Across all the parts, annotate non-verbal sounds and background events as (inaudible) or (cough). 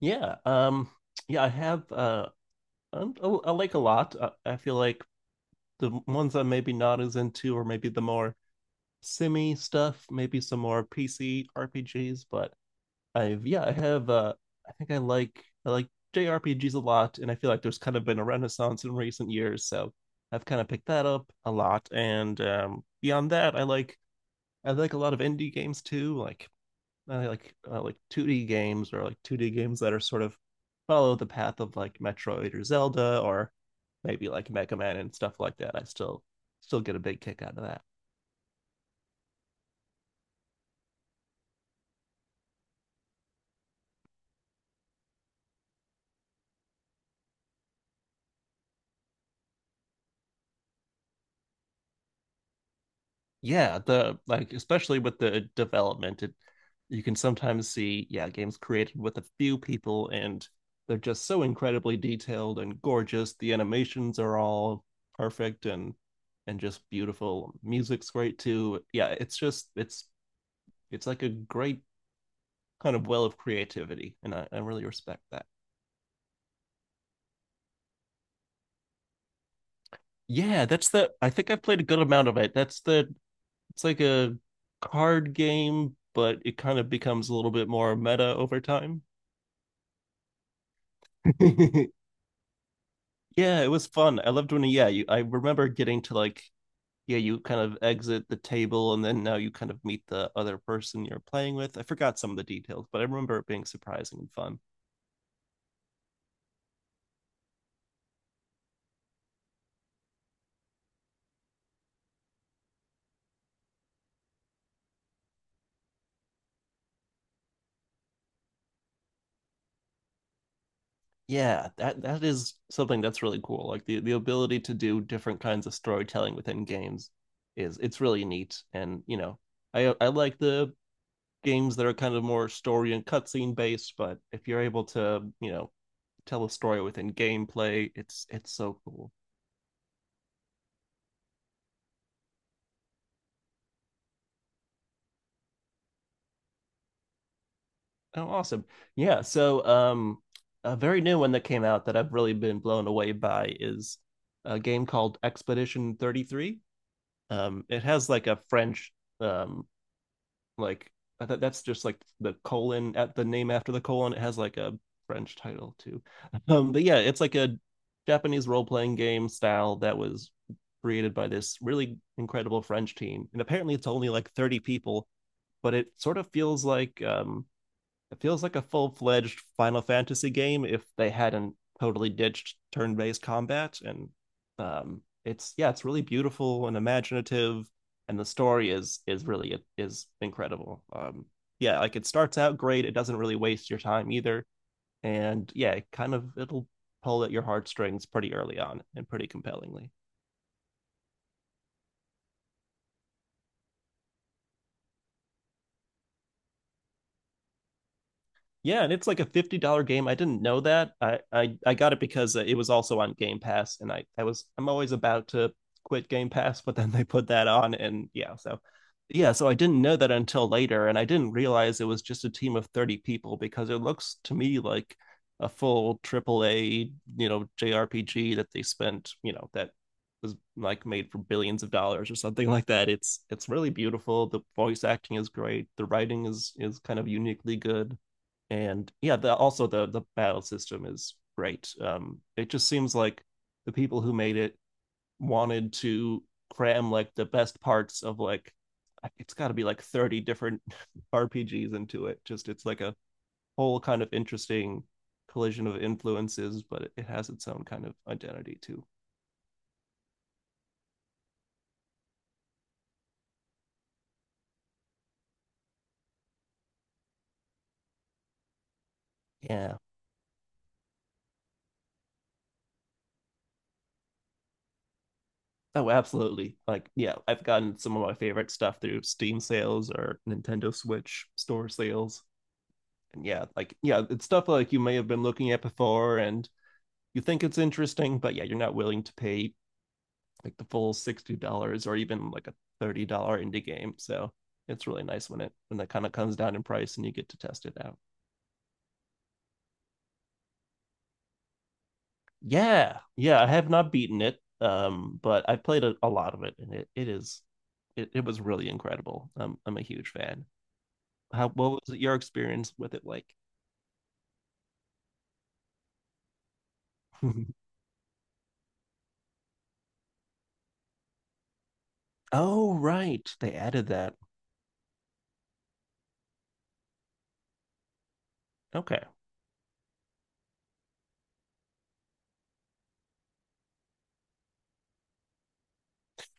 Yeah. Yeah, I have i I, like a lot. I feel like the ones I'm maybe not as into or maybe the more simi stuff, maybe some more PC RPGs, but I've yeah, I have uh I think I like JRPGs a lot, and I feel like there's kind of been a renaissance in recent years, so I've kind of picked that up a lot. And beyond that, I like a lot of indie games too, like like 2D games, or like 2D games that are sort of follow the path of like Metroid or Zelda or maybe like Mega Man and stuff like that. I still get a big kick out of that. Yeah, the like especially with the development, it you can sometimes see yeah games created with a few people, and they're just so incredibly detailed and gorgeous. The animations are all perfect and just beautiful. Music's great too. Yeah, it's just it's like a great kind of well of creativity, and I really respect that. Yeah, that's the. I think I've played a good amount of it. That's the. It's like a card game, but it kind of becomes a little bit more meta over time. (laughs) Yeah, it was fun. I loved when. Yeah, I remember getting to like. Yeah, you kind of exit the table, and then now you kind of meet the other person you're playing with. I forgot some of the details, but I remember it being surprising and fun. Yeah, that is something that's really cool, like the ability to do different kinds of storytelling within games is it's really neat. And you know, I like the games that are kind of more story and cutscene based, but if you're able to, you know, tell a story within gameplay, it's so cool. Oh, awesome. Yeah, so a very new one that came out that I've really been blown away by is a game called Expedition 33. It has like a French um like I thought that's just like the colon at the name after the colon. It has like a French title too. (laughs) But yeah, it's like a Japanese role playing game style that was created by this really incredible French team. And apparently it's only like 30 people, but it sort of feels like it feels like a full fledged Final Fantasy game if they hadn't totally ditched turn based combat. And it's yeah, it's really beautiful and imaginative, and the story is really is incredible. Yeah, like it starts out great. It doesn't really waste your time either, and yeah, it kind of it'll pull at your heartstrings pretty early on and pretty compellingly. Yeah, and it's like a $50 game. I didn't know that. I got it because it was also on Game Pass, and I was I'm always about to quit Game Pass, but then they put that on, and yeah, so yeah, so I didn't know that until later, and I didn't realize it was just a team of 30 people because it looks to me like a full triple A, you know, JRPG that they spent you know that was like made for billions of dollars or something like that. It's really beautiful. The voice acting is great. The writing is kind of uniquely good, and yeah the, also the battle system is great. It just seems like the people who made it wanted to cram like the best parts of like it's got to be like 30 different (laughs) rpgs into it. Just it's like a whole kind of interesting collision of influences, but it has its own kind of identity too. Yeah. Oh, absolutely, like yeah, I've gotten some of my favorite stuff through Steam sales or Nintendo Switch store sales. And yeah, like yeah, it's stuff like you may have been looking at before and you think it's interesting, but yeah, you're not willing to pay like the full $60 or even like a $30 indie game. So it's really nice when it when that kind of comes down in price and you get to test it out. Yeah, yeah, I have not beaten it, but I played a lot of it, and it is it was really incredible. I'm a huge fan. How what was your experience with it like? (laughs) Oh right, they added that. Okay.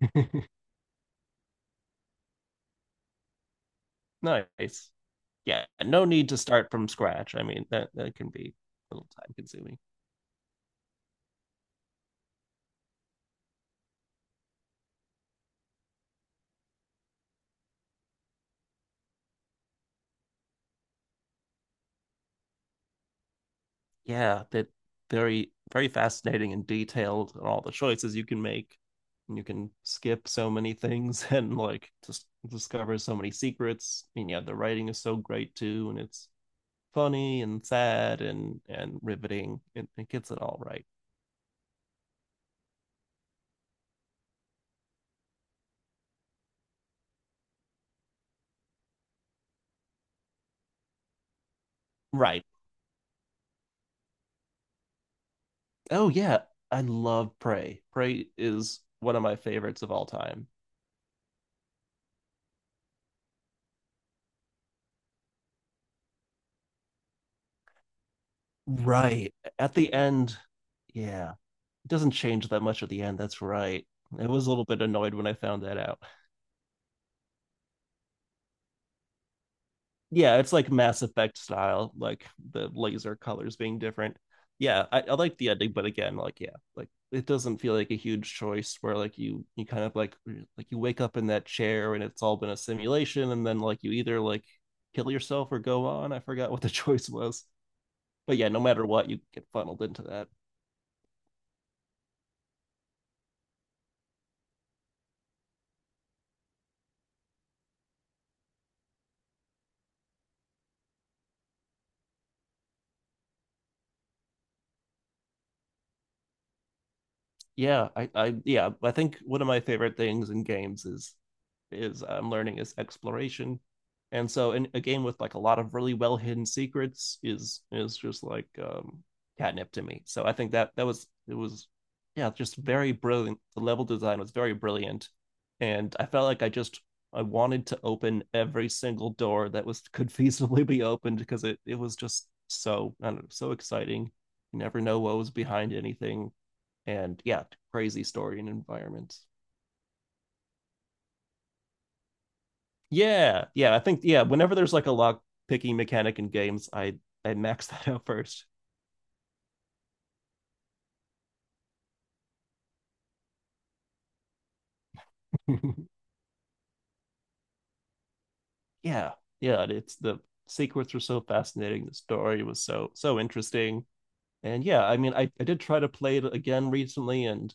(laughs) Nice. Yeah, no need to start from scratch. I mean, that can be a little time consuming. Yeah, that very very fascinating and detailed and all the choices you can make. And you can skip so many things (laughs) and like just discover so many secrets. And yeah, the writing is so great too, and it's funny and sad and riveting. It gets it all right. Right. Oh yeah, I love Prey. Prey is one of my favorites of all time. Right. At the end, yeah. It doesn't change that much at the end. That's right. I was a little bit annoyed when I found that out. Yeah, it's like Mass Effect style, like the laser colors being different. Yeah, I like the ending, but again, like yeah, like it doesn't feel like a huge choice where like you kind of like you wake up in that chair and it's all been a simulation, and then like you either like kill yourself or go on. I forgot what the (laughs) choice was, but yeah, no matter what, you get funneled into that. Yeah, I think one of my favorite things in games is I'm learning is exploration. And so in a game with like a lot of really well hidden secrets is just like catnip to me. So I think that was it was yeah, just very brilliant. The level design was very brilliant. And I felt like I wanted to open every single door that was could (laughs) feasibly be opened, because it was just so I don't know, so exciting. You never know what was behind anything, and yeah, crazy story and environments. Yeah, yeah, I think yeah. Whenever there's like a lock picking mechanic in games, I max (laughs) that out first. (laughs) Yeah, yeah. It's the secrets were so fascinating. The story was so so interesting, and yeah, I mean, I did try to play it again recently, and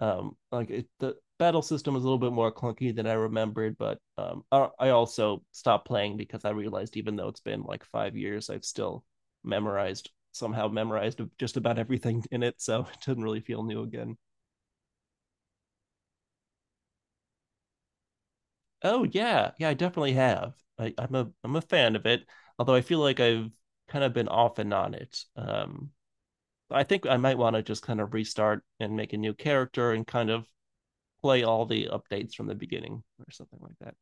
like it, the battle system was a little bit more clunky than I remembered. But I also stopped playing because I realized, even though it's been like 5 years, I've still memorized somehow memorized just about everything in it, so (laughs) it didn't really feel new again. Oh yeah, yeah, I definitely have. I'm a fan of it, although I feel like I've kind of been off and on it. I think I might want to just kind of restart and make a new character and kind of play all the updates from the beginning or something like that.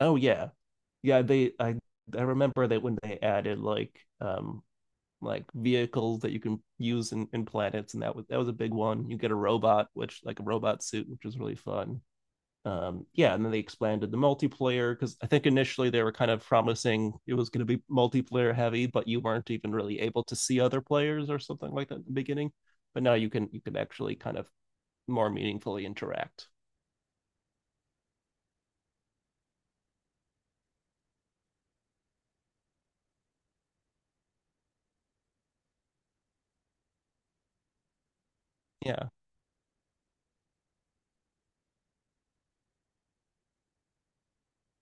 Oh yeah, yeah, they I remember that when they added like vehicles that you can use in planets, and that was a big one. You get a robot, which like a robot suit, which was really fun. Yeah, and then they expanded the multiplayer, because I think initially they were kind of promising it was gonna be multiplayer heavy, but you weren't even really able to see other players or something like that in the beginning. But now you can actually kind of more meaningfully interact. Yeah,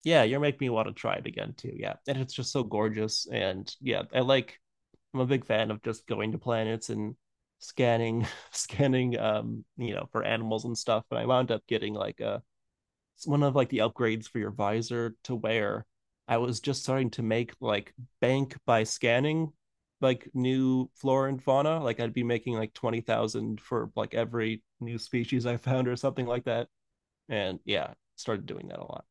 yeah, you're making me want to try it again too. Yeah, and it's just so gorgeous. And yeah, I like I'm a big fan of just going to planets and scanning (laughs) scanning you know, for animals and stuff. And I wound up getting like a one of like the upgrades for your visor to wear. I was just starting to make like bank by scanning like new flora and fauna. Like I'd be making like 20,000 for like every new species I found or something like that, and yeah, started doing that a lot.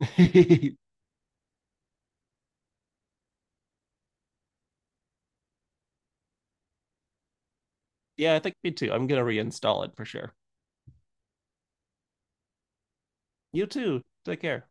(laughs) Yeah, I think me too, I'm gonna reinstall it for sure. You too, take care.